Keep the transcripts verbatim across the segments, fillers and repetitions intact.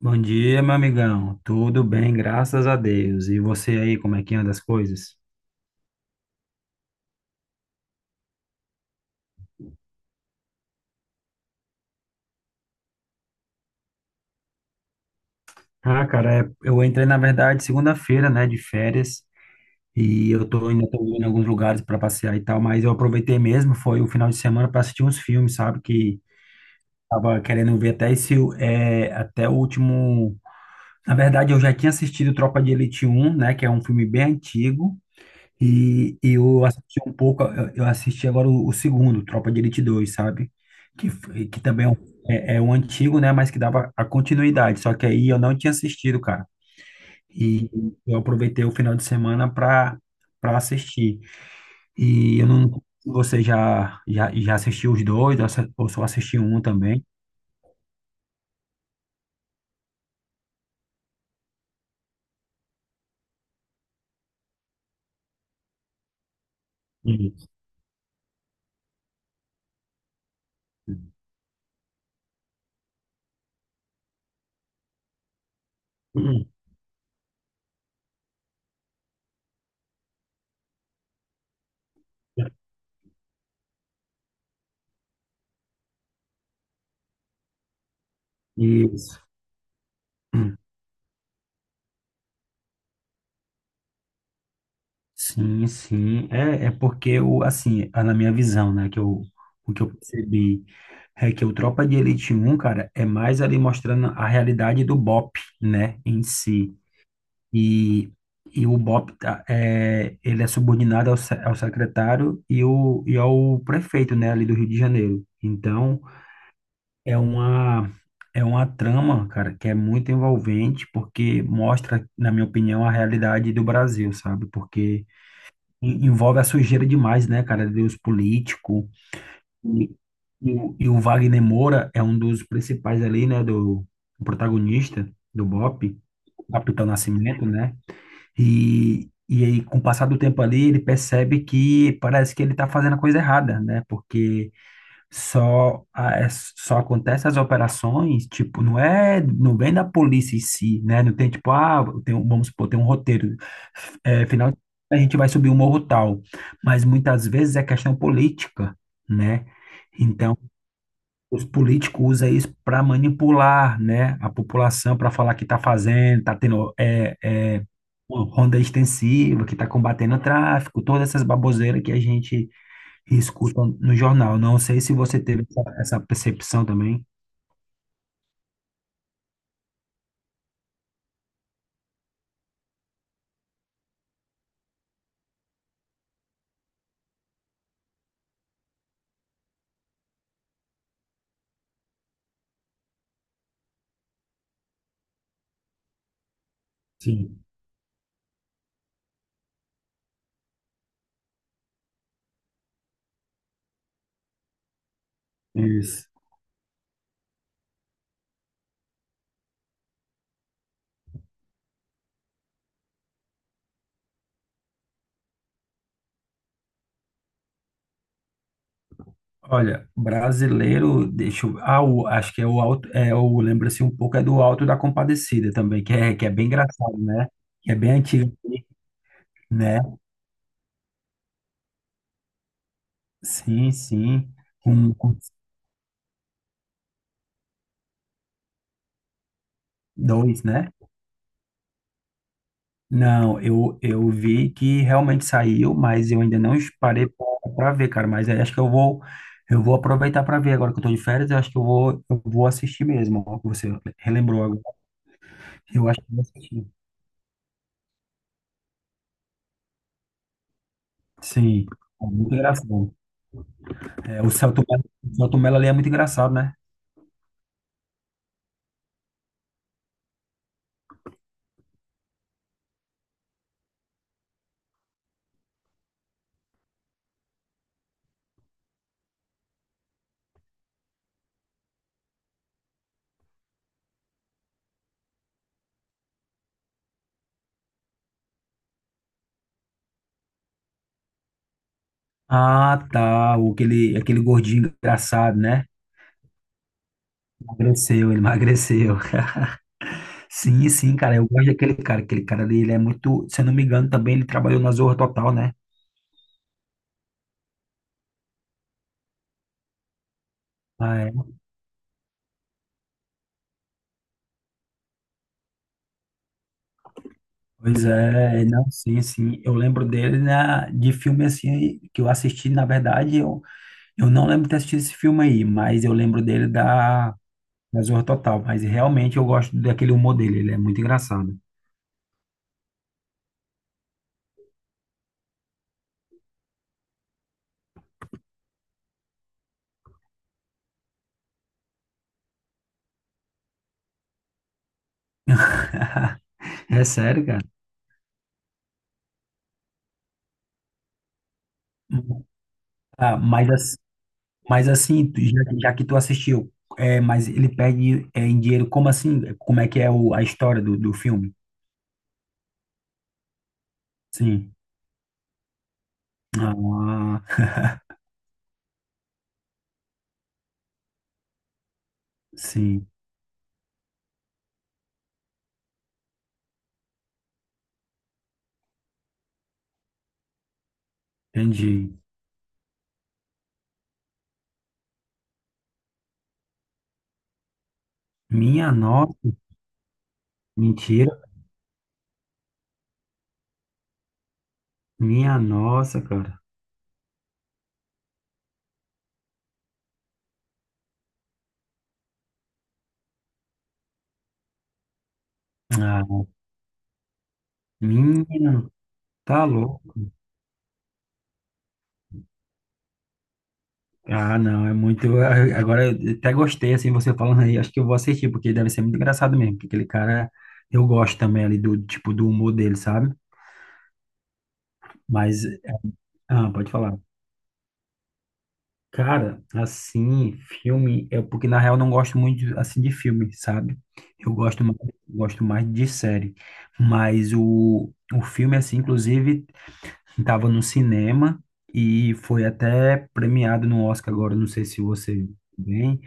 Bom dia, meu amigão. Tudo bem, graças a Deus. E você aí, como é que anda as coisas? Ah, cara, é- eu entrei, na verdade, segunda-feira, né, de férias, e eu tô ainda tô indo em alguns lugares para passear e tal, mas eu aproveitei mesmo, foi o final de semana para assistir uns filmes, sabe? Que tava querendo ver até esse, é, até o último. Na verdade, eu já tinha assistido Tropa de Elite um, né, que é um filme bem antigo. E e eu assisti um pouco, eu eu assisti agora o, o segundo, Tropa de Elite dois, sabe? Que, f- que também é um, é- é um antigo, né? Mas que dava a continuidade. Só que aí eu não tinha assistido, cara. E eu aproveitei o final de semana pra, pra assistir. E eu não. Você já, já, já assistiu os dois, ou só ou só assistiu um também? Isso. Isso. Sim, sim. É, é porque o assim, a- na minha visão, né, que eu, o que eu percebi é que o Tropa de Elite um, cara, é mais ali mostrando a realidade do BOP, né, em si. E, e o BOP, tá, é, ele é subordinado ao, se- ao secretário e, o, e ao prefeito, né, ali do Rio de Janeiro. Então, é uma, é uma, trama, cara, que é muito envolvente, porque mostra, na minha opinião, a realidade do Brasil, sabe? Porque en- envolve a sujeira demais, né, cara? Deus político. E, e, o e o Wagner Moura é um dos principais ali, né, do, do protagonista do BOPE, Capitão Nascimento, né? E, e aí, com o passar do tempo ali, ele percebe que parece que ele tá fazendo a coisa errada, né? Porque só, a- é- só acontece as operações, tipo, não é, não vem da polícia em si, né? Não tem tipo, ah, tem, um- vamos supor, tem um roteiro, é, final a gente vai subir um morro tal, mas muitas vezes é questão política, né? Então, os políticos usam isso para manipular, né, a população, para falar que está fazendo, está tendo é, é, uma ronda extensiva, que está combatendo o tráfico, todas essas baboseiras que a gente e escutam no jornal. Não sei se você teve essa, essa percepção também. Sim, isso. Olha, brasileiro, deixa eu, ah, o- acho que é o alto, é o, lembra-se um pouco, é do Alto da Compadecida também, que é, que é bem engraçado, né? Que é bem antigo, né? Sim, sim. Um, um, dois, né? Não, eu, eu vi que realmente saiu, mas eu ainda não parei para ver, cara. Mas aí acho que eu vou eu vou aproveitar para ver agora que eu tô de férias. Eu acho que eu vou eu vou assistir mesmo. Ó, que você relembrou agora. Eu acho que eu vou assistir. Sim, é muito engraçado. É, o Celto Mello, o Selton Mello ali é muito engraçado, né? Ah, tá. o- Aquele, aquele gordinho engraçado, né? Emagreceu, ele emagreceu. Sim, sim, cara. Eu gosto daquele cara. Aquele cara ali, ele é muito. Se eu não me engano, também ele trabalhou na Zorra Total, né? Ah, é. Pois é, não, sim, sim. Eu lembro dele na, de filme assim que eu assisti, na verdade, eu, eu não lembro de ter assistido esse filme aí, mas eu lembro dele da, da Zorra Total. Mas realmente eu gosto daquele humor dele, ele é muito engraçado. É sério, cara? Ah, mas, as- mas assim, tu- já, já que tu assistiu, é, mas ele perde, é, em dinheiro, como assim? Como é que é o, a história do, do filme? Sim. Ah, sim, entendi. Minha nossa, mentira. Minha nossa, cara. Ah, menino, tá louco. Ah, não, é muito. a- Agora eu até gostei, assim, você falando aí. Acho que eu vou assistir, porque deve ser muito engraçado mesmo. Porque aquele cara, eu gosto também ali do tipo do humor dele, sabe? Mas, ah, pode falar. Cara, assim, filme, é porque na real eu não gosto muito de- assim de filme, sabe? Eu gosto mais, gosto mais de série. Mas o, o filme, assim, inclusive. Estava no cinema e foi até premiado no Oscar agora, não sei se você viu bem,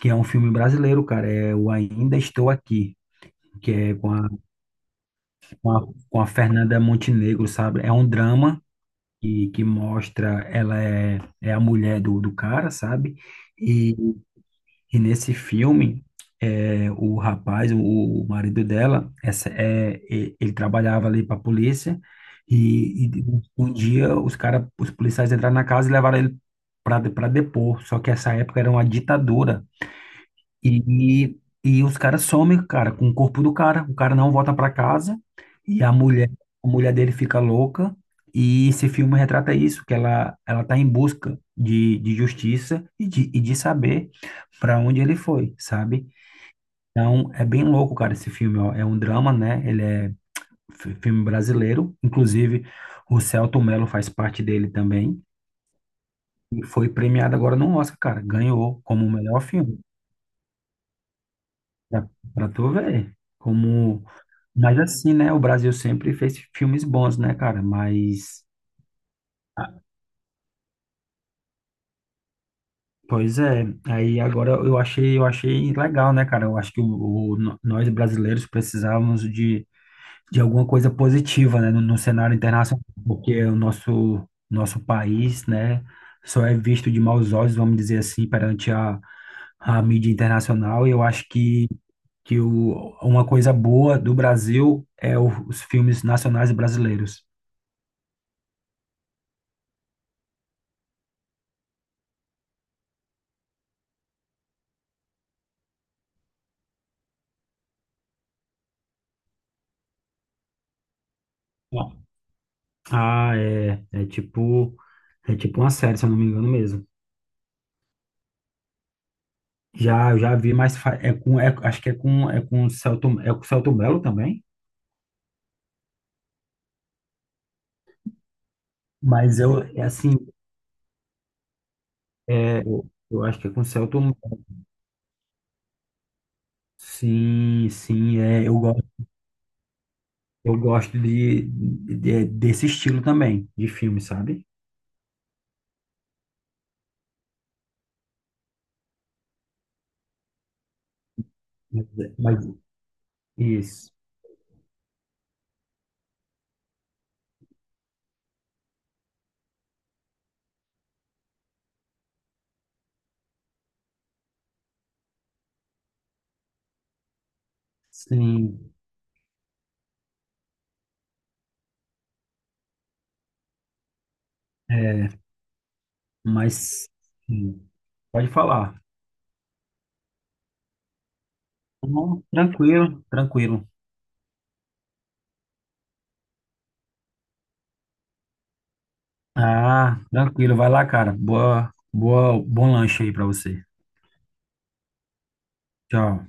que é um filme brasileiro, cara, é o Ainda Estou Aqui, que é com a, com a, com a Fernanda Montenegro, sabe? É um drama que, que mostra, ela é, é a mulher do, do cara, sabe? E e nesse filme, é, o rapaz, o, o marido dela, essa, é, e- ele trabalhava ali para a polícia e, e um dia os cara, os policiais entraram na casa e levaram ele para para depor. Só que essa época era uma ditadura. E, e os caras somem, cara, com o corpo do cara. O cara não volta pra casa e a mulher, a mulher dele fica louca. E esse filme retrata isso, que ela, ela tá em busca de, de justiça e de, e de saber para onde ele foi, sabe? Então, é bem louco, cara, esse filme, ó. É um drama, né? Ele é fi- filme brasileiro. Inclusive, o Selton Mello faz parte dele também. E foi premiado agora no Oscar, cara. Ganhou como melhor filme. Pra, pra tu ver como. Mas assim, né? O Brasil sempre fez filmes bons, né, cara? Mas, pois é. Aí agora eu achei, eu achei legal, né, cara? Eu acho que o, o- no- nós brasileiros precisávamos de, de alguma coisa positiva, né, no, no cenário internacional, porque o nosso nosso país, né, só é visto de maus olhos, vamos dizer assim, perante a, a mídia internacional. E eu acho que que o, uma coisa boa do Brasil é o- os filmes nacionais brasileiros. Ah, é, é tipo, é tipo uma série, se eu não me engano mesmo. Já, eu já vi, mas fa- é com, é- acho que é com, é com o Celto, é com o Celto Mello também, mas eu, é assim, é, eu, eu acho que é com o Celto Mello. Sim, sim, é, eu gosto, eu gosto de, de- é, desse estilo também, de filme, sabe? Mas, é, mas- isso, sim, é, mas, sim, pode falar. Não, tranquilo, tranquilo. Ah, tranquilo, vai lá, cara. Boa, boa, bom lanche aí pra você. Tchau.